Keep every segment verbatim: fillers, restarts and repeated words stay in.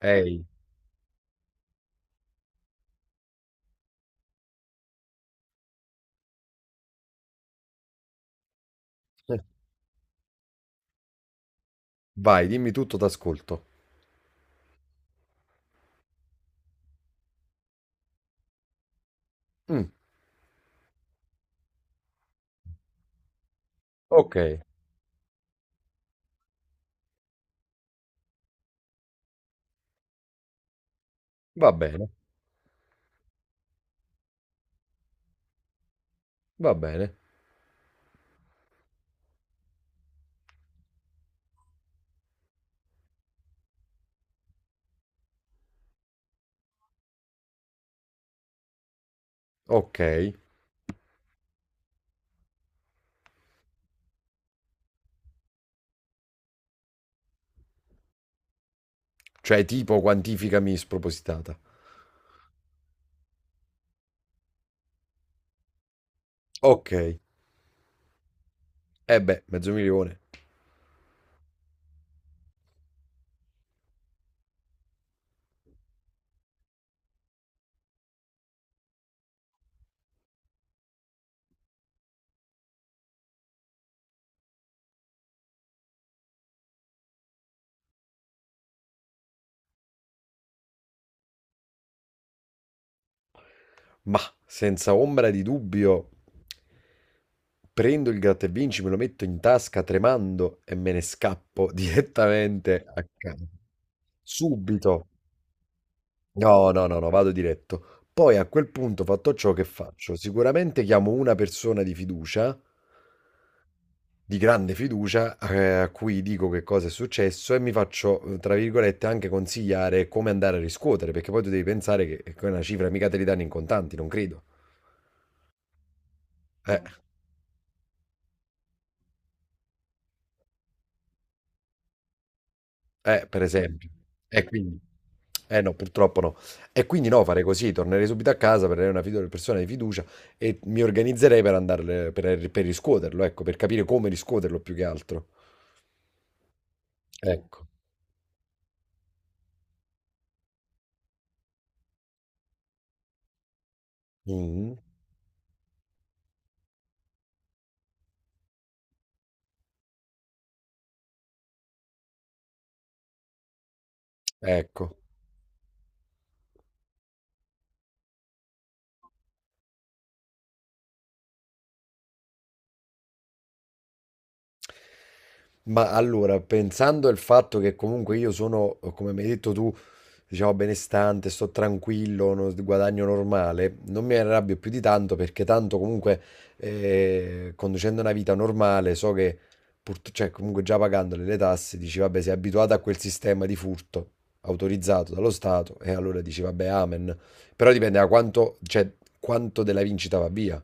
Ehi, eh, vai, dimmi tutto, t'ascolto. Mm, ok, va bene, va bene. Ok, cioè tipo quantificami spropositata. Ok, e beh, mezzo milione. Ma senza ombra di dubbio, prendo il gratta e vinci, me lo metto in tasca tremando e me ne scappo direttamente a casa. Subito. No, no, no, no, vado diretto. Poi a quel punto, fatto ciò che faccio, sicuramente chiamo una persona di fiducia di grande fiducia eh, a cui dico che cosa è successo e mi faccio, eh, tra virgolette, anche consigliare come andare a riscuotere, perché poi tu devi pensare che che una cifra mica te li danno in contanti, non credo. Eh, eh, per esempio. E quindi. Eh no, purtroppo no. E quindi no, fare così, tornerei subito a casa, prenderei una fidu- persona di fiducia e mi organizzerei per andare per, per riscuoterlo, ecco, per capire come riscuoterlo più che altro. Ecco. Mm. Ecco. Ma allora, pensando al fatto che comunque io sono, come mi hai detto tu, diciamo benestante, sto tranquillo, no- guadagno normale, non mi arrabbio più di tanto perché tanto comunque eh, conducendo una vita normale so che, purt- cioè comunque già pagandole le tasse, dici vabbè sei abituato a quel sistema di furto autorizzato dallo Stato e allora dici vabbè amen. Però dipende da quanto, cioè, quanto della vincita va via.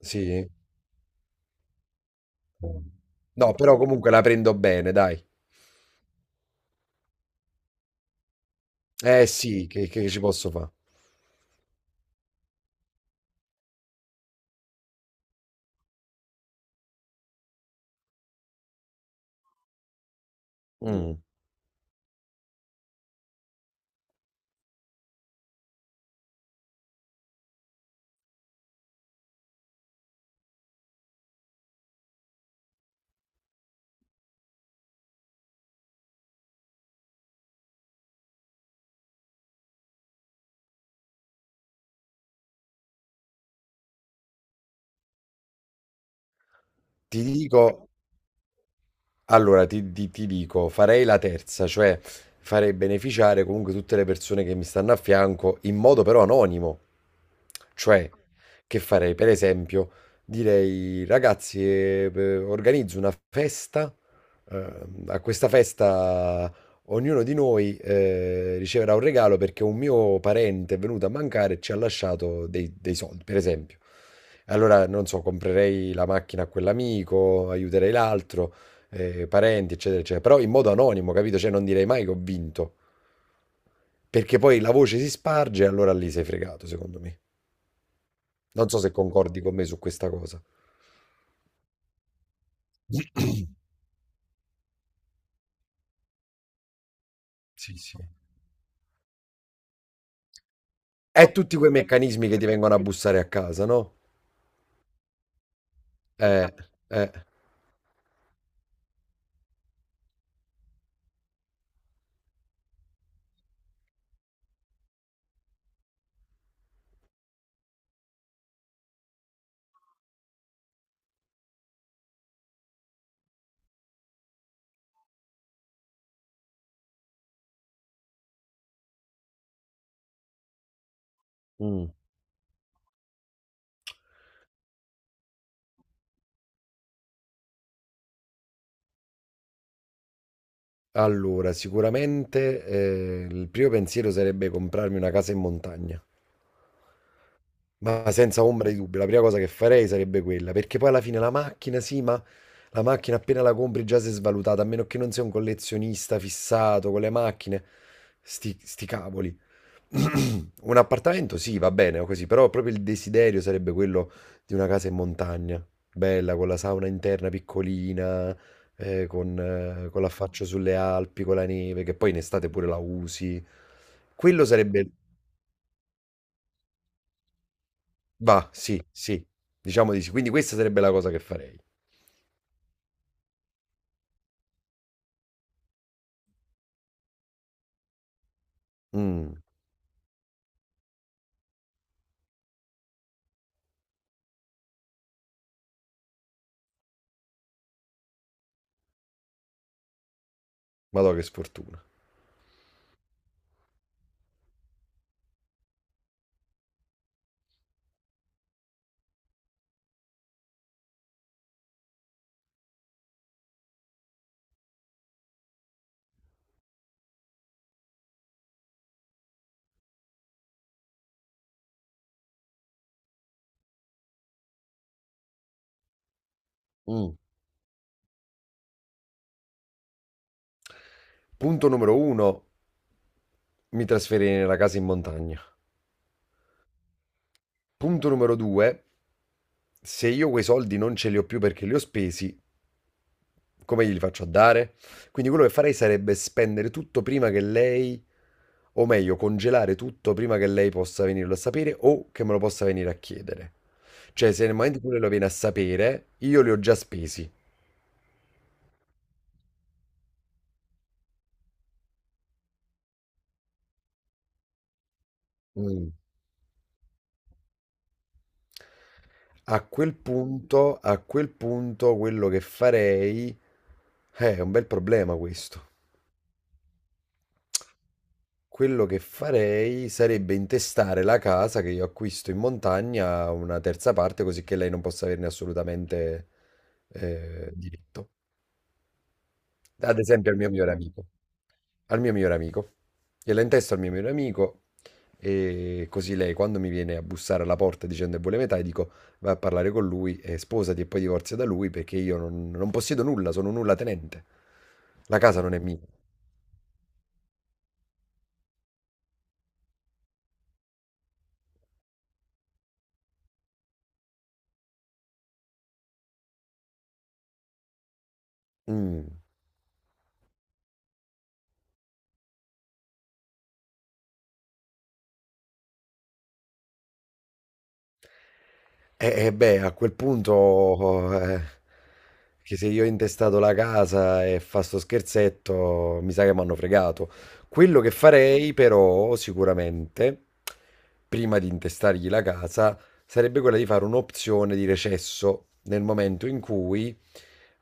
Sì? No, però comunque la prendo bene, dai. Eh sì, che, che ci posso fare? Mm. Ti dico, allora ti, ti- ti dico, farei la terza, cioè farei beneficiare comunque tutte le persone che mi stanno a fianco in modo però anonimo. Cioè, che farei? Per esempio, direi, ragazzi, eh, eh, organizzo una festa, eh, a questa festa ognuno di noi eh, riceverà un regalo perché un mio parente è venuto a mancare e ci ha lasciato dei, dei soldi, per esempio. Allora, non so, comprerei la macchina a quell'amico, aiuterei l'altro, eh, parenti, eccetera, eccetera, però in modo anonimo, capito? Cioè, non direi mai che ho vinto, perché poi la voce si sparge e allora lì sei fregato, secondo me. Non so se concordi con me su questa cosa. Sì, sì. È tutti quei meccanismi che ti vengono a bussare a casa, no? Eh, eh, mm. Allora, sicuramente eh, il primo pensiero sarebbe comprarmi una casa in montagna, ma senza ombra di dubbio, la prima cosa che farei sarebbe quella, perché poi alla fine la macchina, sì, ma la macchina appena la compri già si è svalutata, a meno che non sei un collezionista fissato con le macchine, sti, sti cavoli. Un appartamento, sì, va bene, o così, però proprio il desiderio sarebbe quello di una casa in montagna, bella, con la sauna interna piccolina, eh, con, eh, con l'affaccio sulle Alpi, con la neve, che poi in estate pure la usi. Quello sarebbe. Va, sì, sì, diciamo di sì. Quindi questa sarebbe la cosa che farei. Mm, madò, che sfortuna. Mm. Punto numero uno, mi trasferirei nella casa in montagna. Punto numero due, se io quei soldi non ce li ho più perché li ho spesi. Come glieli faccio a dare? Quindi quello che farei sarebbe spendere tutto prima che lei, o meglio, congelare tutto prima che lei possa venirlo a sapere o che me lo possa venire a chiedere. Cioè, se nel momento in cui lei lo viene a sapere, io li ho già spesi. Mm. A quel punto, a quel punto, quello che farei. Eh, è un bel problema questo. Quello che farei sarebbe intestare la casa che io acquisto in montagna a una terza parte, così che lei non possa averne assolutamente eh, diritto. Ad esempio al mio migliore amico. Al mio migliore amico. Gliela intesto al mio migliore amico e così lei quando mi viene a bussare alla porta dicendo che vuole metà, io dico vai a parlare con lui e sposati e poi divorzia da lui perché io non, non possiedo nulla, sono nulla tenente. La casa non è mia. Mm. Eh, eh, beh, a quel punto, eh, che se io ho intestato la casa e fa sto scherzetto, mi sa che mi hanno fregato. Quello che farei, però, sicuramente, prima di intestargli la casa, sarebbe quella di fare un'opzione di recesso nel momento in cui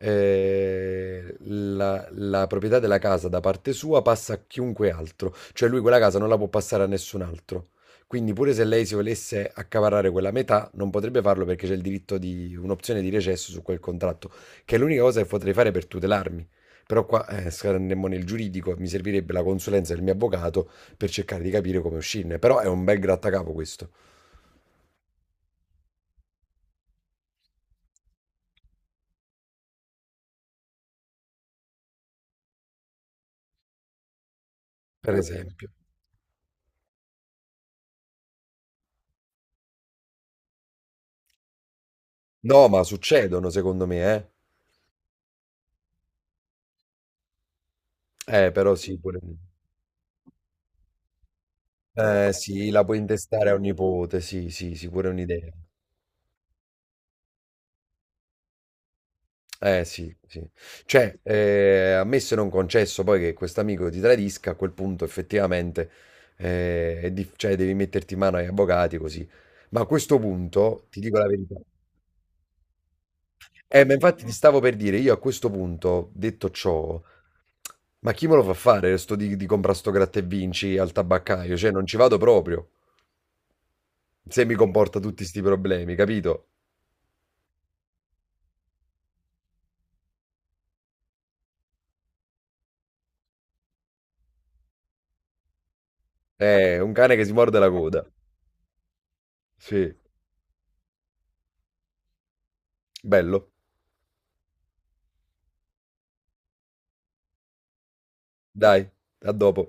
eh, la, la proprietà della casa da parte sua passa a chiunque altro, cioè lui quella casa non la può passare a nessun altro. Quindi pure se lei si volesse accaparrare quella metà, non potrebbe farlo perché c'è il diritto di un'opzione di recesso su quel contratto, che è l'unica cosa che potrei fare per tutelarmi. Però qua eh, saremmo nel giuridico, mi servirebbe la consulenza del mio avvocato per cercare di capire come uscirne. Però è un bel grattacapo questo, per esempio. No, ma succedono secondo me, eh. Eh, però sì, pure. Eh sì, la puoi intestare a un nipote, sì, sì, sì, pure è un'idea. Eh sì, sì. Cioè, eh, ammesso e non concesso poi che quest'amico ti tradisca, a quel punto effettivamente eh, è dif- cioè, devi metterti in mano agli avvocati così. Ma a questo punto, ti dico la verità. Eh, ma infatti ti stavo per dire, io a questo punto, detto ciò, ma chi me lo fa fare sto di, di comprare sto gratta e vinci al tabaccaio? Cioè, non ci vado proprio, se mi comporta tutti sti problemi, capito? È un cane che si morde la coda. Sì, bello. Dai, a dopo.